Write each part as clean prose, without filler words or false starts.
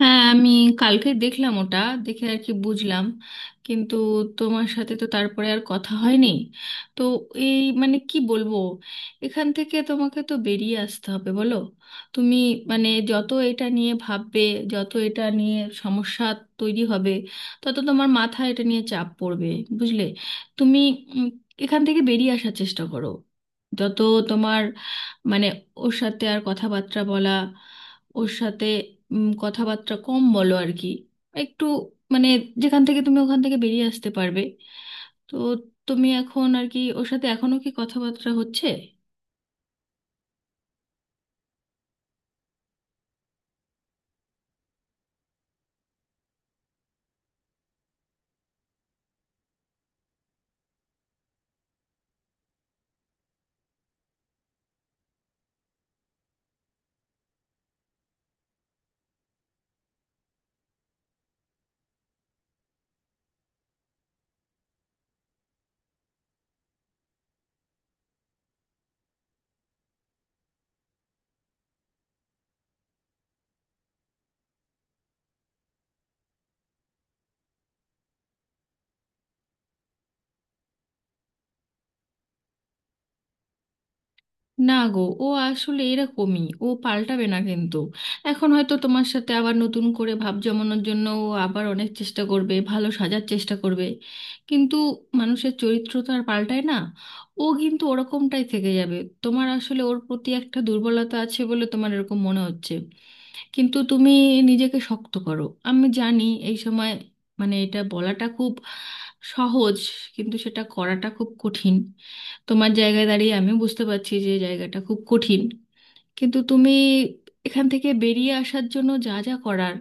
হ্যাঁ, আমি কালকে দেখলাম ওটা, দেখে আর কি বুঝলাম। কিন্তু তোমার সাথে তো তারপরে আর কথা হয়নি। তো এই মানে কি বলবো, এখান থেকে তোমাকে তো বেরিয়ে আসতে হবে বলো। তুমি মানে যত এটা নিয়ে ভাববে, যত এটা নিয়ে সমস্যা তৈরি হবে, তত তোমার মাথায় এটা নিয়ে চাপ পড়বে, বুঝলে। তুমি উম, এখান থেকে বেরিয়ে আসার চেষ্টা করো। যত তোমার মানে ওর সাথে আর কথাবার্তা বলা, ওর সাথে কথাবার্তা কম বলো আর কি। একটু মানে যেখান থেকে তুমি ওখান থেকে বেরিয়ে আসতে পারবে। তো তুমি এখন আর কি ওর সাথে এখনো কি কথাবার্তা হচ্ছে? না গো, ও আসলে এরকমই, ও পাল্টাবে না। কিন্তু এখন হয়তো তোমার সাথে আবার নতুন করে ভাব জমানোর জন্য ও আবার অনেক চেষ্টা করবে, ভালো সাজার চেষ্টা করবে। কিন্তু মানুষের চরিত্র তো আর পাল্টায় না, ও কিন্তু ওরকমটাই থেকে যাবে। তোমার আসলে ওর প্রতি একটা দুর্বলতা আছে বলে তোমার এরকম মনে হচ্ছে। কিন্তু তুমি নিজেকে শক্ত করো। আমি জানি এই সময় মানে এটা বলাটা খুব সহজ, কিন্তু সেটা করাটা খুব কঠিন। তোমার জায়গায় দাঁড়িয়ে আমি বুঝতে পারছি যে জায়গাটা খুব কঠিন। কিন্তু তুমি এখান থেকে বেরিয়ে আসার জন্য যা যা করার,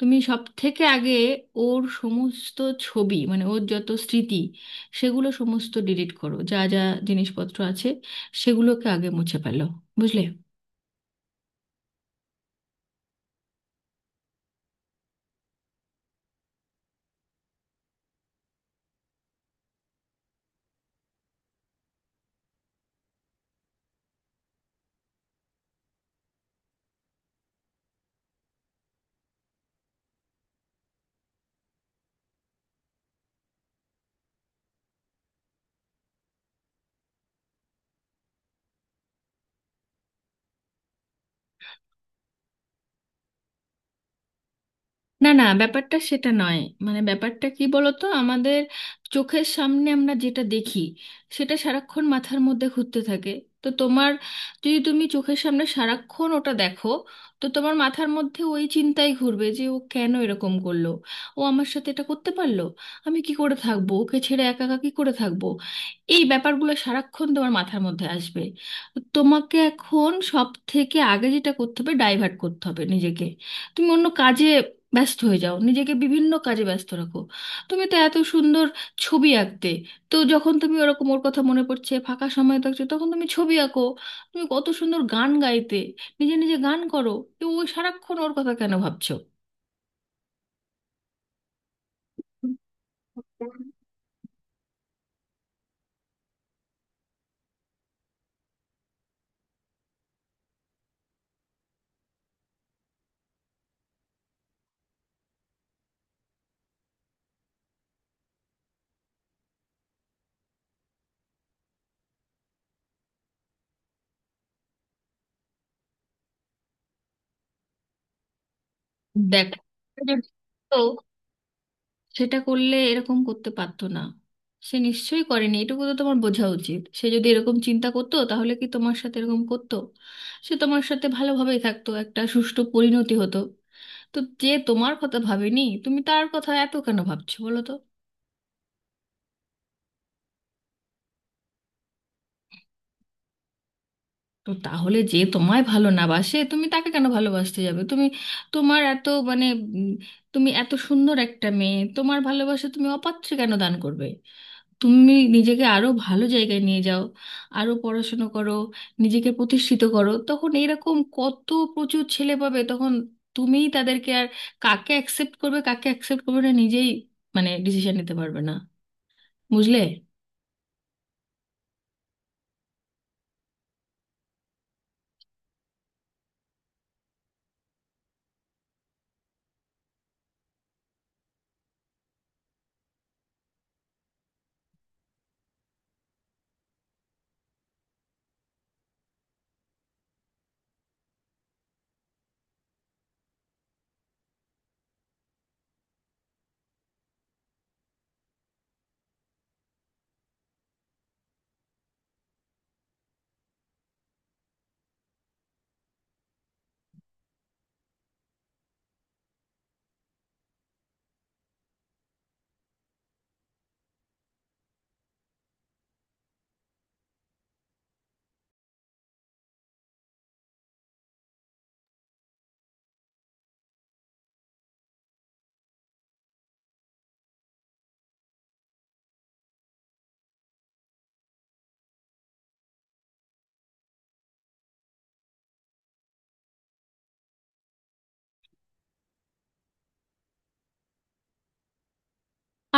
তুমি সব থেকে আগে ওর সমস্ত ছবি মানে ওর যত স্মৃতি, সেগুলো সমস্ত ডিলিট করো। যা যা জিনিসপত্র আছে, সেগুলোকে আগে মুছে ফেলো, বুঝলে। না না, ব্যাপারটা সেটা নয়। মানে ব্যাপারটা কি বলতো, আমাদের চোখের সামনে আমরা যেটা দেখি, সেটা সারাক্ষণ মাথার মধ্যে ঘুরতে থাকে। তো তোমার যদি তুমি চোখের সামনে সারাক্ষণ ওটা দেখো, তো তোমার মাথার মধ্যে ওই চিন্তাই ঘুরবে যে ও কেন এরকম করলো, ও আমার সাথে এটা করতে পারলো, আমি কি করে থাকবো ওকে ছেড়ে, একা একা কি করে থাকবো। এই ব্যাপারগুলো সারাক্ষণ তোমার মাথার মধ্যে আসবে। তো তোমাকে এখন সব থেকে আগে যেটা করতে হবে, ডাইভার্ট করতে হবে নিজেকে। তুমি অন্য কাজে ব্যস্ত হয়ে যাও, নিজেকে বিভিন্ন কাজে ব্যস্ত রাখো। তুমি তো এত সুন্দর ছবি আঁকতে, তো যখন তুমি ওরকম ওর কথা মনে পড়ছে, ফাঁকা সময় থাকছো, তখন তুমি ছবি আঁকো। তুমি কত সুন্দর গান গাইতে, নিজে নিজে গান করো। তো ওই সারাক্ষণ ওর কথা কেন ভাবছো? দেখো, তো সেটা করলে এরকম করতে পারতো না। সে নিশ্চয়ই করেনি, এটুকু তো তোমার বোঝা উচিত। সে যদি এরকম চিন্তা করতো তাহলে কি তোমার সাথে এরকম করতো? সে তোমার সাথে ভালোভাবেই থাকতো, একটা সুষ্ঠু পরিণতি হতো। তো যে তোমার কথা ভাবেনি, তুমি তার কথা এত কেন ভাবছো বলো তো? তো তাহলে যে তোমায় ভালো না বাসে, তুমি তাকে কেন ভালোবাসতে যাবে? তুমি তোমার এত মানে উম, তুমি এত সুন্দর একটা মেয়ে, তোমার ভালোবাসা তুমি অপাত্রে কেন দান করবে? তুমি নিজেকে আরো ভালো জায়গায় নিয়ে যাও, আরো পড়াশুনো করো, নিজেকে প্রতিষ্ঠিত করো। তখন এরকম কত প্রচুর ছেলে পাবে, তখন তুমিই তাদেরকে আর কাকে অ্যাকসেপ্ট করবে কাকে অ্যাকসেপ্ট করবে না নিজেই মানে ডিসিশন নিতে পারবে না, বুঝলে।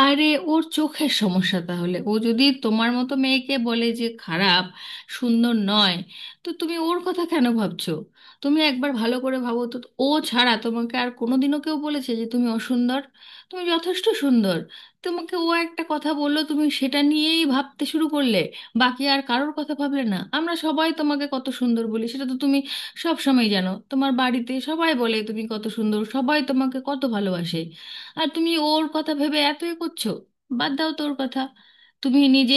আরে ওর চোখের সমস্যা, তাহলে ও যদি তোমার মতো মেয়েকে বলে যে খারাপ, সুন্দর নয়, তো তুমি ওর কথা কেন ভাবছো? তুমি একবার ভালো করে ভাবো তো, ও ছাড়া তোমাকে আর কোনোদিনও কেউ বলেছে যে তুমি অসুন্দর? তুমি যথেষ্ট সুন্দর। তোমাকে ও একটা কথা বললো, তুমি সেটা নিয়েই ভাবতে শুরু করলে, বাকি আর কারোর কথা ভাবলে না। আমরা সবাই তোমাকে কত সুন্দর বলি, সেটা তো তুমি সব সময় জানো। তোমার বাড়িতে সবাই বলে তুমি কত সুন্দর, সবাই তোমাকে কত ভালোবাসে। আর তুমি ওর কথা ভেবে এতই করছো। বাদ দাও তোর কথা। তুমি নিজে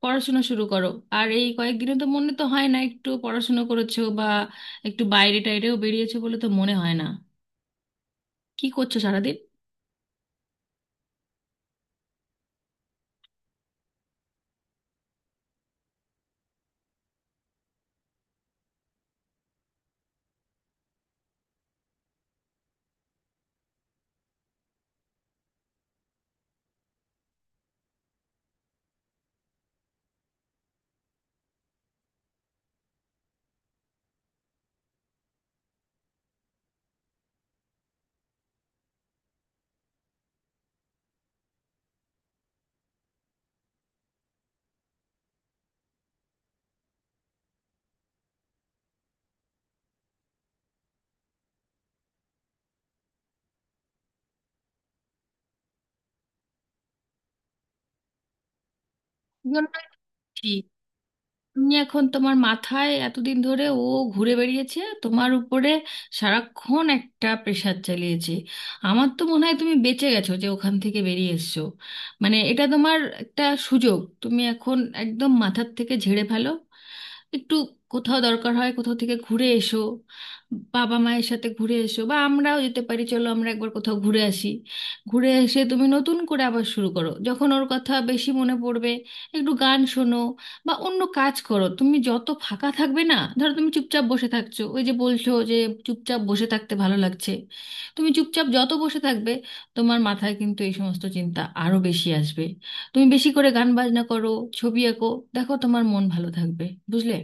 পড়াশোনা শুরু করো। আর এই কয়েকদিনে তো মনে তো হয় না একটু পড়াশোনা করেছো, বা একটু বাইরে টাইরেও বেরিয়েছো বলে তো মনে হয় না। কি করছো সারাদিন? জন্যই বলছি, তুমি এখন তোমার মাথায় এতদিন ধরে ও ঘুরে বেরিয়েছে, তোমার উপরে সারাক্ষণ একটা প্রেশার চালিয়েছে। আমার তো মনে হয় তুমি বেঁচে গেছো যে ওখান থেকে বেরিয়ে এসছো। মানে এটা তোমার একটা সুযোগ, তুমি এখন একদম মাথার থেকে ঝেড়ে ফেলো। একটু কোথাও দরকার হয় কোথাও থেকে ঘুরে এসো, বাবা মায়ের সাথে ঘুরে এসো, বা আমরাও যেতে পারি, চলো আমরা একবার কোথাও ঘুরে আসি। ঘুরে এসে তুমি নতুন করে আবার শুরু করো। যখন ওর কথা বেশি মনে পড়বে, একটু গান শোনো বা অন্য কাজ করো। তুমি যত ফাঁকা থাকবে, না ধরো তুমি চুপচাপ বসে থাকছো, ওই যে বলছো যে চুপচাপ বসে থাকতে ভালো লাগছে, তুমি চুপচাপ যত বসে থাকবে, তোমার মাথায় কিন্তু এই সমস্ত চিন্তা আরো বেশি আসবে। তুমি বেশি করে গান বাজনা করো, ছবি আঁকো, দেখো তোমার মন ভালো থাকবে, বুঝলে।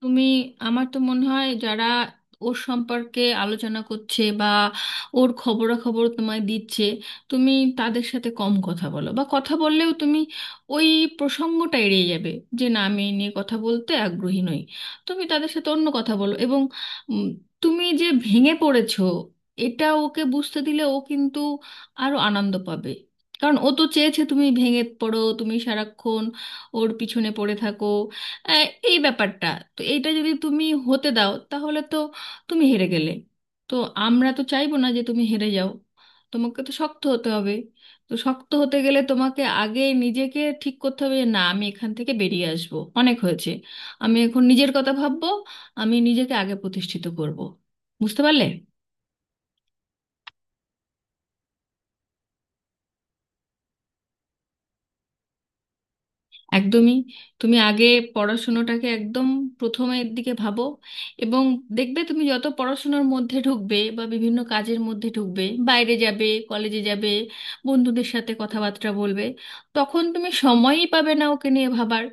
তুমি আমার তো মনে হয় যারা ওর সম্পর্কে আলোচনা করছে বা ওর খবরাখবর তোমায় দিচ্ছে, তুমি তাদের সাথে কম কথা বলো, বা কথা বললেও তুমি ওই প্রসঙ্গটা এড়িয়ে যাবে, যে না আমি এই নিয়ে কথা বলতে আগ্রহী নই। তুমি তাদের সাথে অন্য কথা বলো। এবং উম, তুমি যে ভেঙে পড়েছো এটা ওকে বুঝতে দিলে ও কিন্তু আরো আনন্দ পাবে। কারণ ও তো চেয়েছে তুমি ভেঙে পড়ো, তুমি সারাক্ষণ ওর পিছনে পড়ে থাকো। আহ, এই ব্যাপারটা, তো এইটা যদি তুমি হতে দাও তাহলে তো তুমি হেরে গেলে। তো আমরা তো চাইবো না যে তুমি হেরে যাও, তোমাকে তো শক্ত হতে হবে। তো শক্ত হতে গেলে তোমাকে আগে নিজেকে ঠিক করতে হবে যে না, আমি এখান থেকে বেরিয়ে আসবো, অনেক হয়েছে। আমি এখন নিজের কথা ভাববো, আমি নিজেকে আগে প্রতিষ্ঠিত করব। বুঝতে পারলে? একদমই। তুমি আগে পড়াশুনোটাকে একদম প্রথমের দিকে ভাবো। এবং দেখবে তুমি যত পড়াশুনোর মধ্যে ঢুকবে বা বিভিন্ন কাজের মধ্যে ঢুকবে, বাইরে যাবে, কলেজে যাবে, বন্ধুদের সাথে কথাবার্তা বলবে, তখন তুমি সময়ই পাবে না ওকে নিয়ে ভাবার।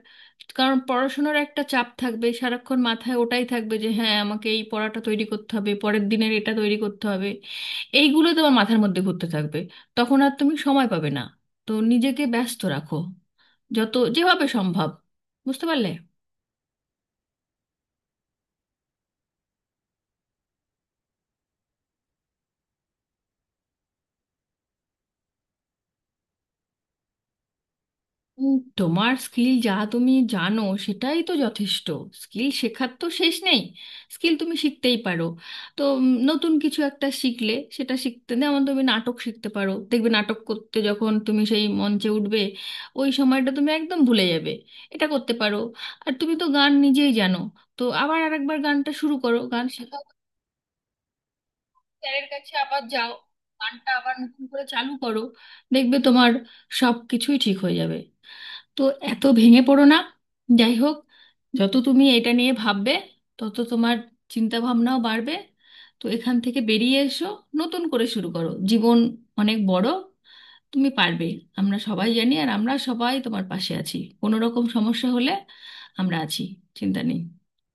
কারণ পড়াশোনার একটা চাপ থাকবে, সারাক্ষণ মাথায় ওটাই থাকবে যে হ্যাঁ, আমাকে এই পড়াটা তৈরি করতে হবে, পরের দিনের এটা তৈরি করতে হবে। এইগুলো তোমার মাথার মধ্যে ঘুরতে থাকবে, তখন আর তুমি সময় পাবে না। তো নিজেকে ব্যস্ত রাখো যত যেভাবে সম্ভব, বুঝতে পারলে। তোমার স্কিল যা তুমি জানো, সেটাই তো যথেষ্ট। স্কিল শেখার তো শেষ নেই, স্কিল তুমি শিখতেই পারো। তো নতুন কিছু একটা শিখলে সেটা শিখতে, যেমন তুমি নাটক শিখতে পারো। দেখবে নাটক করতে যখন তুমি সেই মঞ্চে উঠবে, ওই সময়টা তুমি একদম ভুলে যাবে। এটা করতে পারো। আর তুমি তো গান নিজেই জানো, তো আবার আরেকবার গানটা শুরু করো, গান শেখা স্যারের কাছে আবার যাও, গানটা আবার নতুন করে চালু করো। দেখবে তোমার সব কিছুই ঠিক হয়ে যাবে। তো এত ভেঙে পড়ো না। যাই হোক, যত তুমি এটা নিয়ে ভাববে, তত তোমার চিন্তা ভাবনাও বাড়বে। তো এখান থেকে বেরিয়ে এসো, নতুন করে শুরু করো। জীবন অনেক বড়, তুমি পারবে, আমরা সবাই জানি। আর আমরা সবাই তোমার পাশে আছি, কোনো রকম সমস্যা হলে আমরা আছি, চিন্তা নেই।